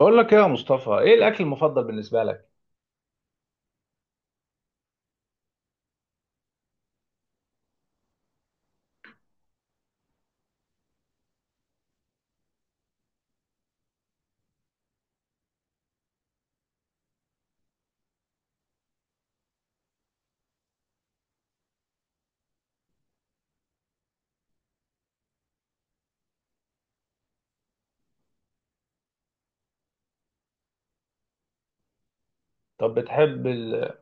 بقول لك ايه يا مصطفى؟ ايه الاكل المفضل بالنسبه لك؟ طب بتحب ال...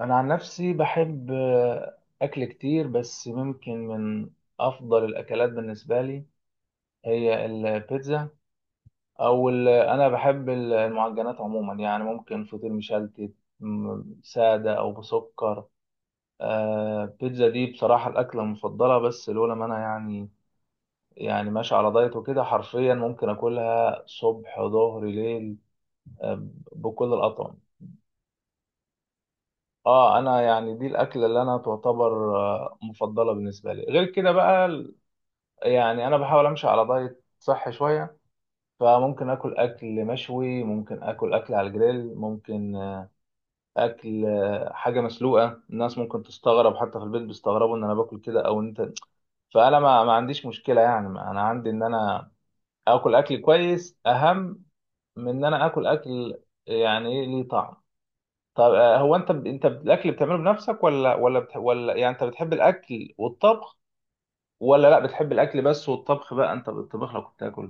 انا عن نفسي بحب اكل كتير، بس ممكن من افضل الاكلات بالنسبه لي هي البيتزا. انا بحب المعجنات عموما، يعني ممكن فطير مشلتت ساده او بسكر. آه، بيتزا دي بصراحه الاكله المفضله، بس لولا ما انا يعني، يعني ماشي على دايت وكده، حرفيا ممكن اكلها صبح ظهر ليل، بكل الاطعمه. اه، انا يعني دي الاكله اللي انا تعتبر مفضله بالنسبه لي. غير كده بقى يعني انا بحاول امشي على دايت صحي شويه، فممكن اكل اكل مشوي، ممكن اكل اكل على الجريل، ممكن اكل حاجه مسلوقه. الناس ممكن تستغرب، حتى في البيت بيستغربوا ان انا باكل كده. او انت، فانا ما عنديش مشكله، يعني ما انا عندي ان انا اكل اكل كويس اهم من ان انا اكل اكل يعني ايه ليه طعم. طب انت الاكل بتعمله بنفسك، ولا يعني انت بتحب الاكل والطبخ، ولا لا بتحب الاكل بس، والطبخ بقى انت بتطبخ لك وبتاكل؟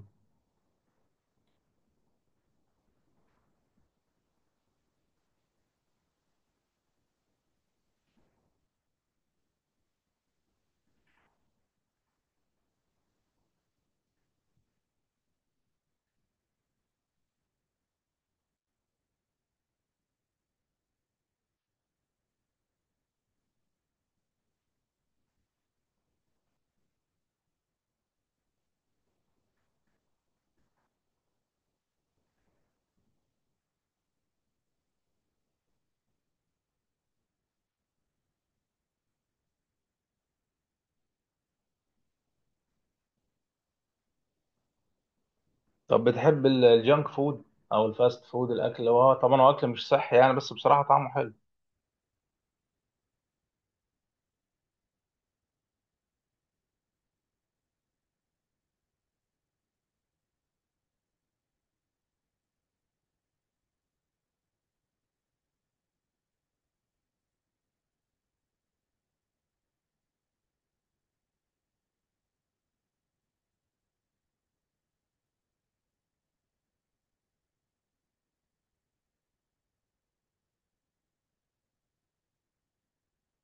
طب بتحب الجانك فود او الفاست فود، الاكل اللي هو طبعا هو اكل مش صحي يعني، بس بصراحه طعمه حلو.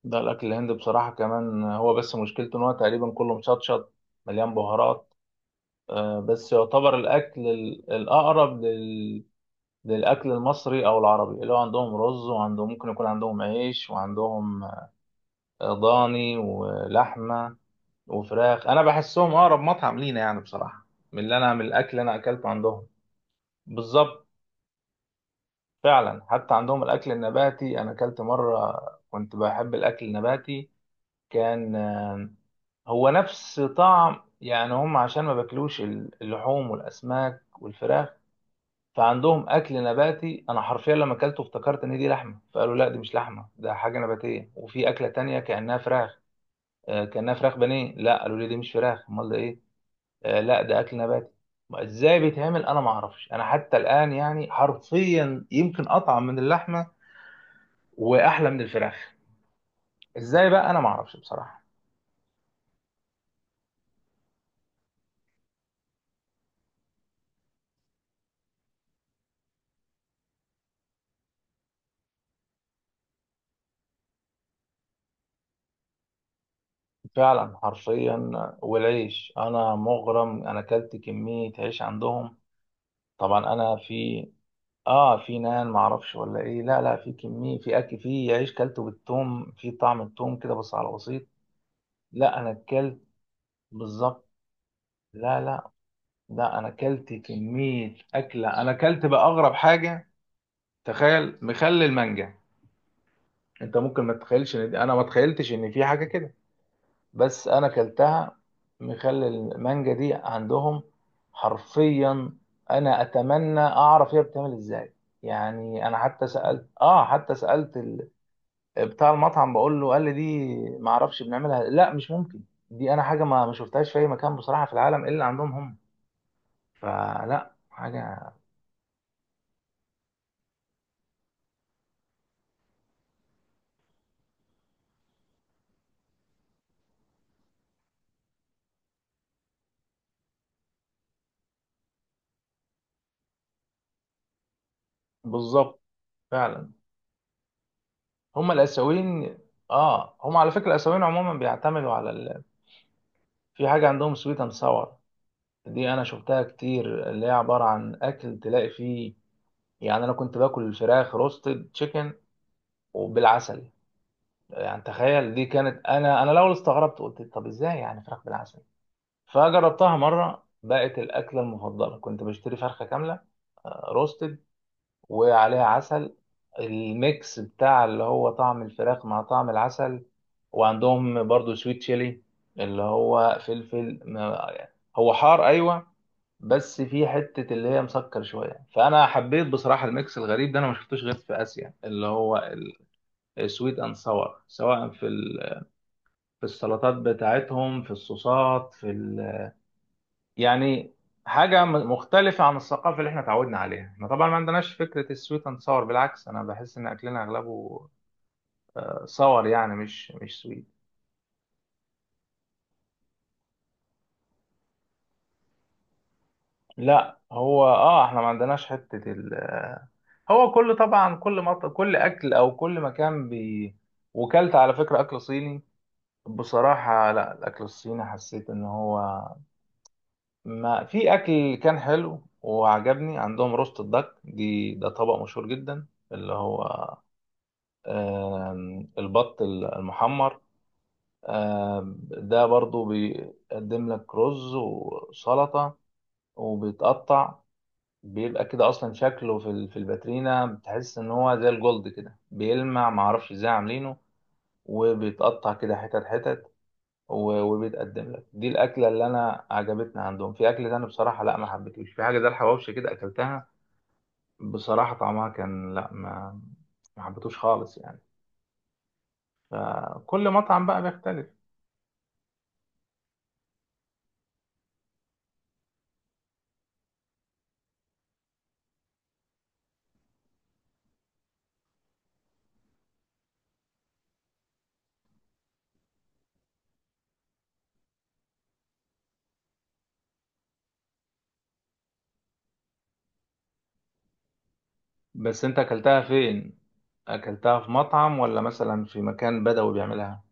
ده الاكل الهندي بصراحه كمان هو، بس مشكلته ان هو تقريبا كله مشطشط مليان بهارات. بس يعتبر الاكل الاقرب للاكل المصري او العربي، اللي هو عندهم رز، وعندهم ممكن يكون عندهم عيش، وعندهم ضاني ولحمه وفراخ. انا بحسهم اقرب مطعم لينا يعني بصراحه، من اللي انا من الاكل اللي انا اكلته عندهم. بالظبط. فعلا، حتى عندهم الاكل النباتي، انا اكلت مره كنت بحب الاكل النباتي. كان هو نفس طعم يعني. هم عشان ما باكلوش اللحوم والاسماك والفراخ، فعندهم اكل نباتي. انا حرفيا لما اكلته افتكرت ان دي لحمه، فقالوا لا دي مش لحمه، ده حاجه نباتيه. وفي اكله تانية كانها فراخ، كانها فراخ بانيه. لا قالوا لي دي مش فراخ. امال ده ايه؟ آه، لا ده اكل نباتي. ما ازاي بيتعمل؟ انا ما اعرفش انا حتى الان، يعني حرفيا يمكن اطعم من اللحمه واحلى من الفراخ. ازاي بقى؟ انا ما اعرفش بصراحه. فعلا، حرفيا. والعيش انا مغرم، انا اكلت كميه عيش عندهم. طبعا انا في، اه في نان ما اعرفش ولا ايه. لا لا، في كميه، في اكل، في عيش كلته بالثوم، في طعم الثوم كده بس على بسيط. لا انا اكلت. بالظبط. لا لا لا، انا اكلت كميه اكله. انا اكلت بقى اغرب حاجه، تخيل، مخلل المانجا. انت ممكن ما تتخيلش ان دي، انا ما تخيلتش ان في حاجه كده، بس انا اكلتها. مخلل المانجا دي عندهم، حرفيا. انا اتمنى اعرف هي بتعمل ازاي. يعني انا حتى سالت، اه حتى سالت بتاع المطعم، بقول له، قال لي دي ما اعرفش بنعملها. لا مش ممكن، دي انا حاجه ما شفتهاش في اي مكان بصراحه في العالم الا عندهم هم، فلا حاجه. بالظبط. فعلا. هم الاسيويين، اه هم على فكره الاسيويين عموما بيعتمدوا على في حاجه عندهم سويت اند ساور، دي انا شفتها كتير، اللي هي عباره عن اكل تلاقي فيه، يعني. انا كنت باكل الفراخ روستد تشيكن وبالعسل. يعني تخيل، دي كانت، انا الاول استغربت قلت طب ازاي يعني فراخ بالعسل، فجربتها مره بقت الاكله المفضله. كنت بشتري فرخه كامله روستد وعليها عسل، الميكس بتاع اللي هو طعم الفراخ مع طعم العسل. وعندهم برضو سويت تشيلي، اللي هو فلفل هو حار ايوه، بس في حتة اللي هي مسكر شوية. فانا حبيت بصراحة الميكس الغريب ده، انا ما شفتوش غير في اسيا، اللي هو السويت اند ساور، سواء في في السلطات بتاعتهم، في الصوصات، في ال، يعني حاجة مختلفة عن الثقافة اللي احنا اتعودنا عليها. احنا طبعا ما عندناش فكرة السويت اند صور. بالعكس، انا بحس ان اكلنا اغلبه صور يعني، مش سويت. لا هو اه، احنا ما عندناش حتة ال هو كل طبعا كل اكل او كل مكان بي. وكلت على فكرة اكل صيني بصراحة. لا الاكل الصيني حسيت ان هو ما، في اكل كان حلو وعجبني عندهم، روست الدك دي، ده طبق مشهور جدا، اللي هو البط المحمر. آم، ده برضو بيقدم لك رز وسلطة وبيتقطع، بيبقى كده اصلا شكله في في الباترينا بتحس ان هو زي الجولد كده بيلمع، معرفش ازاي عاملينه، وبيتقطع كده حتت حتت، وبيتقدم لك. دي الاكله اللي انا عجبتني عندهم. في اكل تاني بصراحه لا ما حبيتوش، في حاجه زي الحواوشي كده اكلتها بصراحه، طعمها كان، لا ما حبيتوش خالص يعني. فكل مطعم بقى بيختلف. بس انت اكلتها فين؟ اكلتها في مطعم، ولا مثلا في مكان بدوي بيعملها؟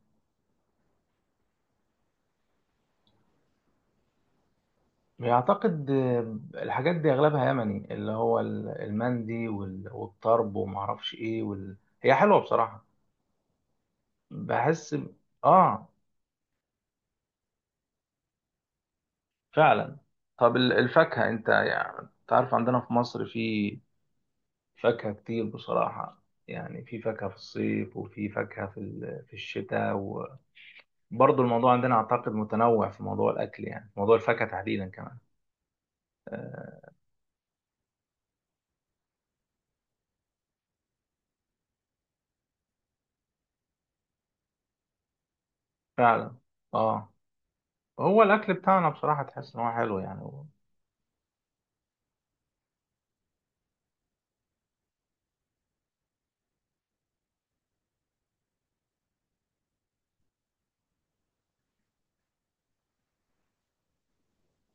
اعتقد الحاجات دي اغلبها يمني، اللي هو المندي والطرب ومعرفش ايه هي حلوة بصراحة، بحس اه فعلا. طب الفاكهة، انت يعني تعرف عندنا في مصر في فاكهة كتير بصراحة. يعني في فاكهة في الصيف وفي فاكهة في في الشتاء. وبرضه الموضوع عندنا اعتقد متنوع في موضوع الاكل، يعني موضوع الفاكهة تحديدا كمان. آه، فعلا. اه، هو الاكل بتاعنا بصراحه تحس ان هو حلو يعني هو.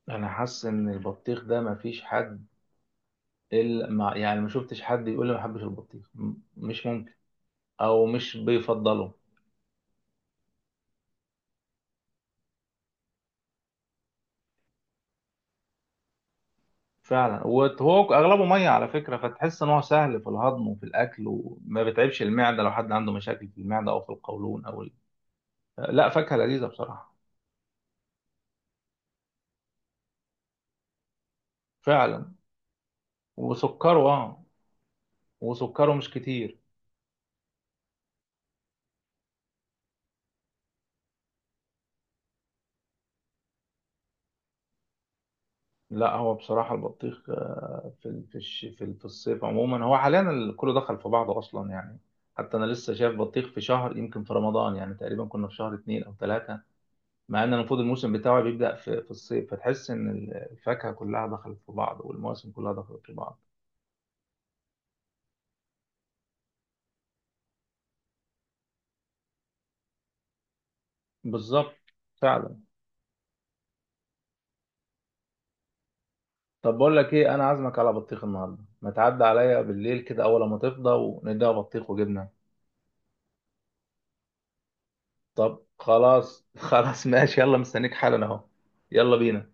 انا حاسس ان البطيخ ده ما فيش حد إلا ما، يعني ما شفتش حد يقول لي ما بحبش البطيخ، مش ممكن، او مش بيفضله. فعلا. وهو اغلبه ميه على فكره، فتحس ان هو سهل في الهضم وفي الاكل، وما بيتعبش المعده لو حد عنده مشاكل في المعده او في القولون لا فاكهه لذيذه بصراحه. فعلا. وسكره اه، وسكره مش كتير. لا هو بصراحة البطيخ، في في الصيف عموما. هو حاليا ال كله دخل في بعضه أصلا يعني، حتى أنا لسه شايف بطيخ في شهر يمكن في رمضان، يعني تقريبا كنا في شهر 2 أو 3، مع إن المفروض الموسم بتاعه بيبدأ في الصيف، فتحس إن الفاكهة كلها دخلت في بعض، والمواسم كلها دخلت في بعض. بالظبط. فعلا. طب بقول لك إيه، أنا عازمك على بطيخ النهاردة، ما تعدي عليا بالليل كده أول ما تفضى، ونديها بطيخ وجبنة. طب خلاص خلاص ماشي، يلا مستنيك حالا أهو. يلا بينا.